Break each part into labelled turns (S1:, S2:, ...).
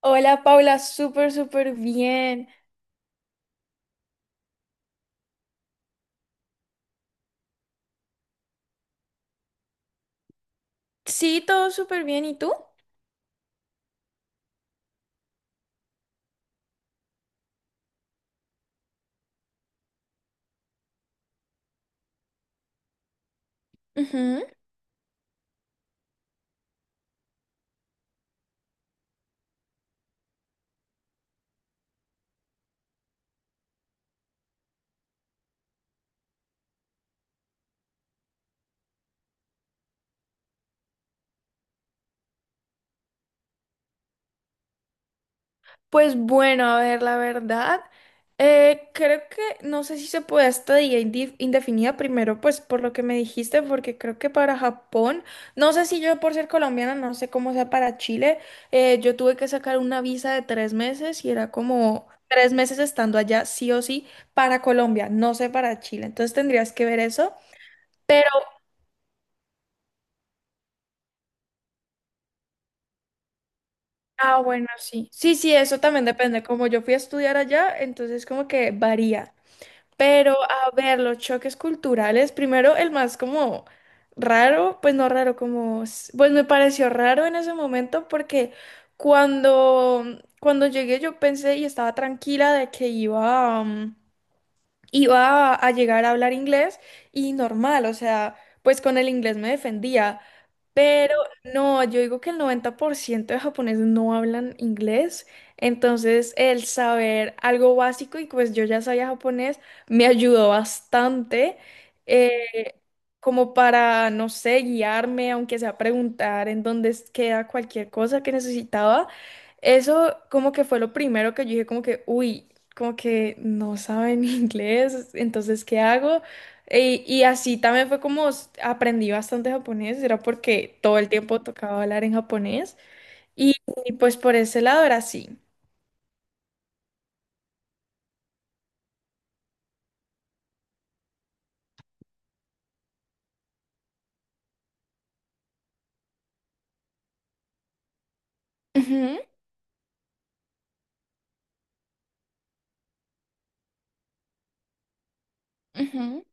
S1: Hola Paula, súper, súper bien. Sí, todo súper bien. ¿Y tú? Ujú. Pues bueno, a ver, la verdad, creo que no sé si se puede estadía indefinida primero, pues por lo que me dijiste, porque creo que para Japón, no sé si yo por ser colombiana, no sé cómo sea para Chile, yo tuve que sacar una visa de 3 meses y era como 3 meses estando allá, sí o sí, para Colombia, no sé para Chile. Entonces tendrías que ver eso. Ah, bueno, sí. Sí, sí, eso también depende. Como yo fui a estudiar allá, entonces como que varía. Pero a ver, los choques culturales, primero el más como raro, pues no raro, como, pues me pareció raro en ese momento porque cuando, cuando llegué yo pensé y estaba tranquila de que iba, iba a llegar a hablar inglés y normal, o sea, pues con el inglés me defendía, pero no, yo digo que el 90% de japoneses no hablan inglés, entonces el saber algo básico y pues yo ya sabía japonés me ayudó bastante eh, como para, no sé, guiarme, aunque sea preguntar en dónde queda cualquier cosa que necesitaba. Eso como que fue lo primero que yo dije como que, uy, como que no saben inglés, entonces, ¿qué hago? Y así también fue como aprendí bastante japonés, era porque todo el tiempo tocaba hablar en japonés y, y, pues por ese lado era así. Ujú, ujú.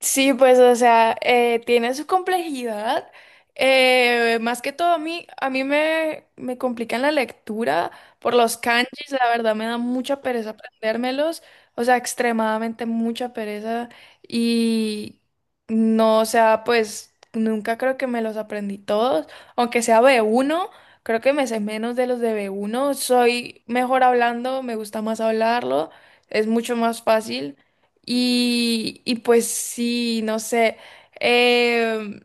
S1: Sí, pues, o sea, tiene su complejidad. Más que todo, a mí me complican la lectura por los kanjis, la verdad me da mucha pereza aprendérmelos, o sea, extremadamente mucha pereza y no, o sea, pues nunca creo que me los aprendí todos, aunque sea b uno, creo que me sé menos de los de b uno. Soy mejor hablando, me gusta más hablarlo, es mucho más fácil. Y pues sí, no sé. em,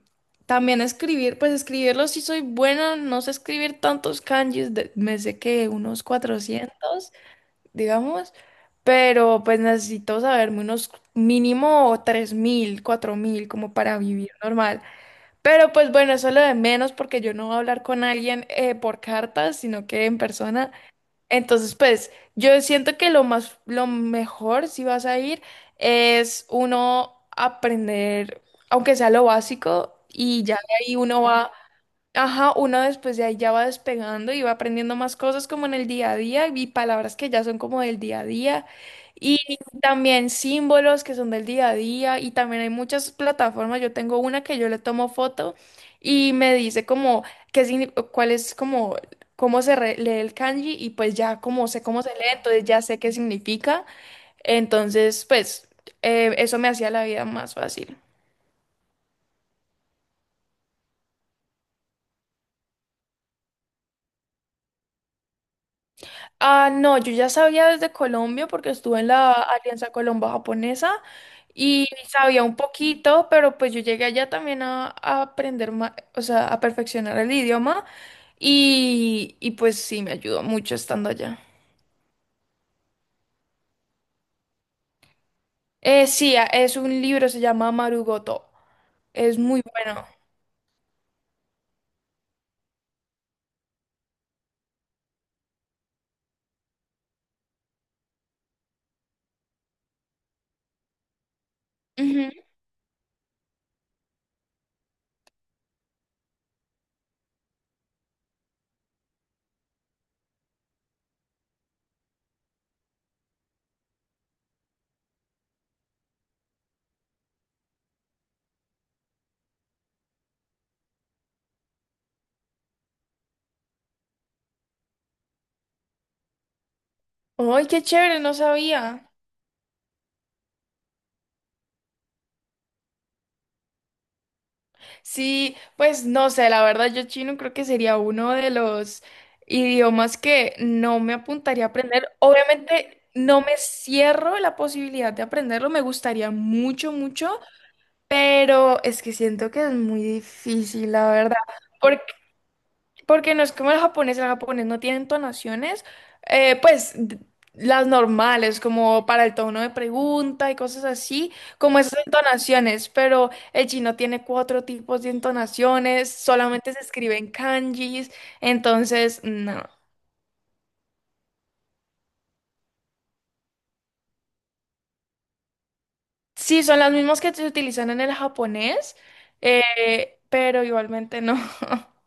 S1: También escribir, pues escribirlo sí soy buena, no sé escribir tantos kanjis, me sé que unos 400 digamos, pero pues necesito saberme unos mínimo 3000 4000 como para vivir normal. Pero pues bueno, eso es lo de menos porque yo no voy a hablar con alguien por cartas, sino que en persona. Entonces, pues, yo siento que lo más, lo mejor si vas a ir es uno aprender, aunque sea lo básico, y ya de ahí uno va. Ajá, uno después de ahí ya va despegando y va aprendiendo más cosas como en el día a día y palabras que ya son como del día a día y también símbolos que son del día a día y también hay muchas plataformas. Yo tengo una que yo le tomo foto y me dice como qué cuál es como cómo lee el kanji y pues ya como sé cómo se lee, entonces ya sé qué significa. Entonces, pues eso me hacía la vida más fácil. Ah, no, yo ya sabía desde Colombia porque estuve en la Alianza Colombo-Japonesa y sabía un poquito, pero pues yo llegué allá también a aprender más, o sea, a perfeccionar el idioma y pues sí, me ayudó mucho estando allá. Sí, es un libro, se llama Marugoto. Es muy bueno. Ujú. ¡Ay, qué chévere! No sabía. Sí, pues no sé, la verdad yo chino creo que sería uno de los idiomas que no me apuntaría a aprender. Obviamente no me cierro la posibilidad de aprenderlo, me gustaría mucho, mucho, pero es que siento que es muy difícil, la verdad. Porque no es como el japonés no tiene entonaciones, pues las normales, como para el tono de pregunta y cosas así, como esas entonaciones, pero el chino tiene cuatro tipos de entonaciones, solamente se escribe en kanjis, entonces no. Sí, son las mismas que se utilizan en el japonés, pero igualmente no.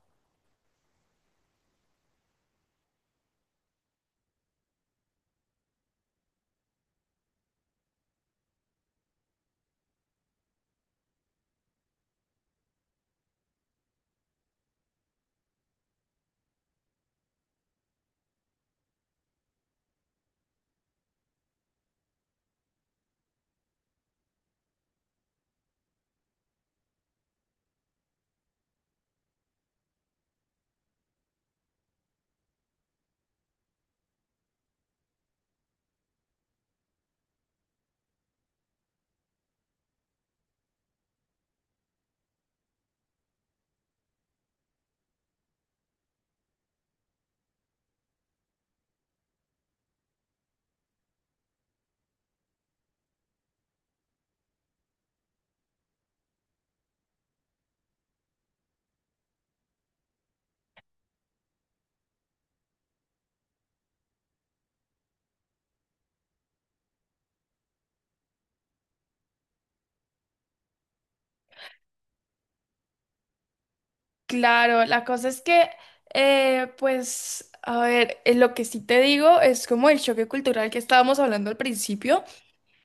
S1: Claro, la cosa es que, pues, a ver, lo que sí te digo es como el choque cultural que estábamos hablando al principio,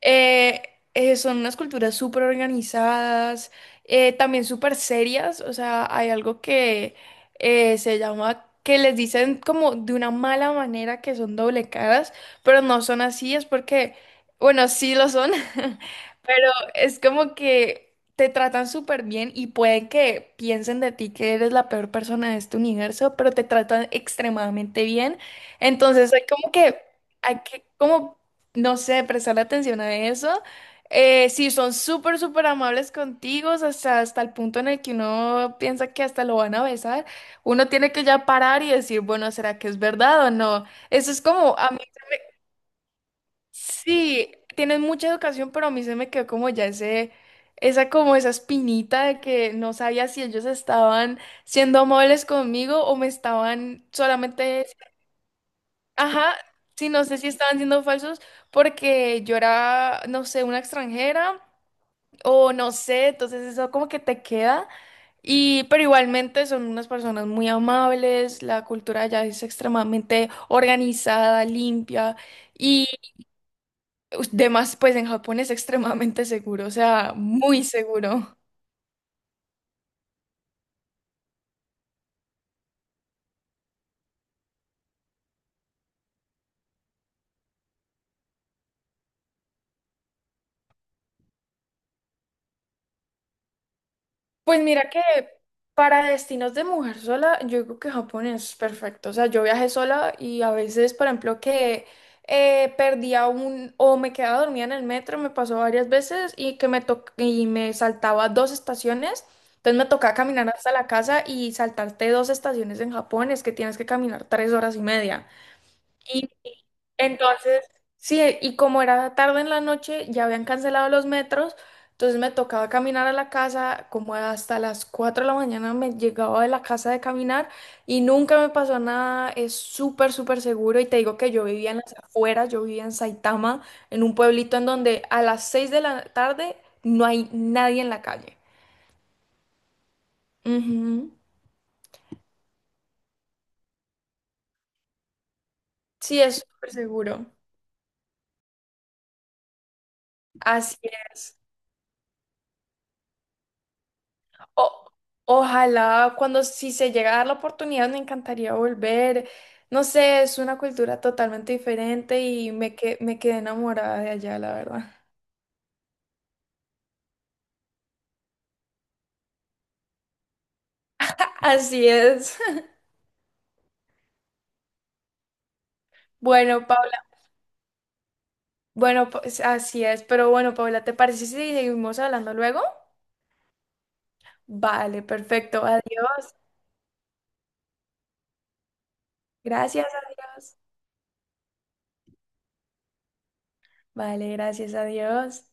S1: eh, son unas culturas súper organizadas, también súper serias, o sea, hay algo que se llama, que les dicen como de una mala manera que son doble caras, pero no son así, es porque, bueno, sí lo son, pero es como que te tratan súper bien y pueden que piensen de ti que eres la peor persona de este universo, pero te tratan extremadamente bien, entonces hay como que, hay que como no sé, prestar atención a eso. Sí, son súper, súper amables contigo, hasta el punto en el que uno piensa que hasta lo van a besar. Uno tiene que ya parar y decir, bueno, ¿será que es verdad o no? Eso es como, a mí, sí, tienes mucha educación, pero a mí se me quedó como ya ese, esa como esa espinita de que no sabía si ellos estaban siendo amables conmigo o me estaban solamente. Ajá, sí, no sé si estaban siendo falsos porque yo era, no sé, una extranjera o no sé, entonces eso como que te queda y pero igualmente son unas personas muy amables, la cultura allá es extremadamente organizada, limpia y demás, pues en Japón es extremadamente seguro, o sea, muy seguro. Pues mira que para destinos de mujer sola, yo digo que Japón es perfecto. O sea, yo viajé sola y a veces, por ejemplo, que perdía un o me quedaba dormida en el metro, me pasó varias veces y que y me saltaba dos estaciones. Entonces me tocaba caminar hasta la casa y saltarte dos estaciones en Japón es que tienes que caminar 3 horas y media. Y entonces, sí, y como era tarde en la noche, ya habían cancelado los metros, entonces me tocaba caminar a la casa, como hasta las 4 de la mañana me llegaba de la casa de caminar y nunca me pasó nada, es súper, súper seguro y te digo que yo vivía en las afueras, yo vivía en Saitama, en un pueblito en donde a las 6 de la tarde no hay nadie en la calle. Ujú. Sí, es súper seguro. Así es. O- Ojalá cuando si se llega a dar la oportunidad me encantaría volver. No sé, es una cultura totalmente diferente y me quedé enamorada de allá, la verdad. Así es. Bueno, Paula, bueno, pues así es. Pero bueno, Paula, ¿te parece si seguimos hablando luego? Vale, perfecto. Adiós. Gracias, adiós. Vale, gracias, adiós.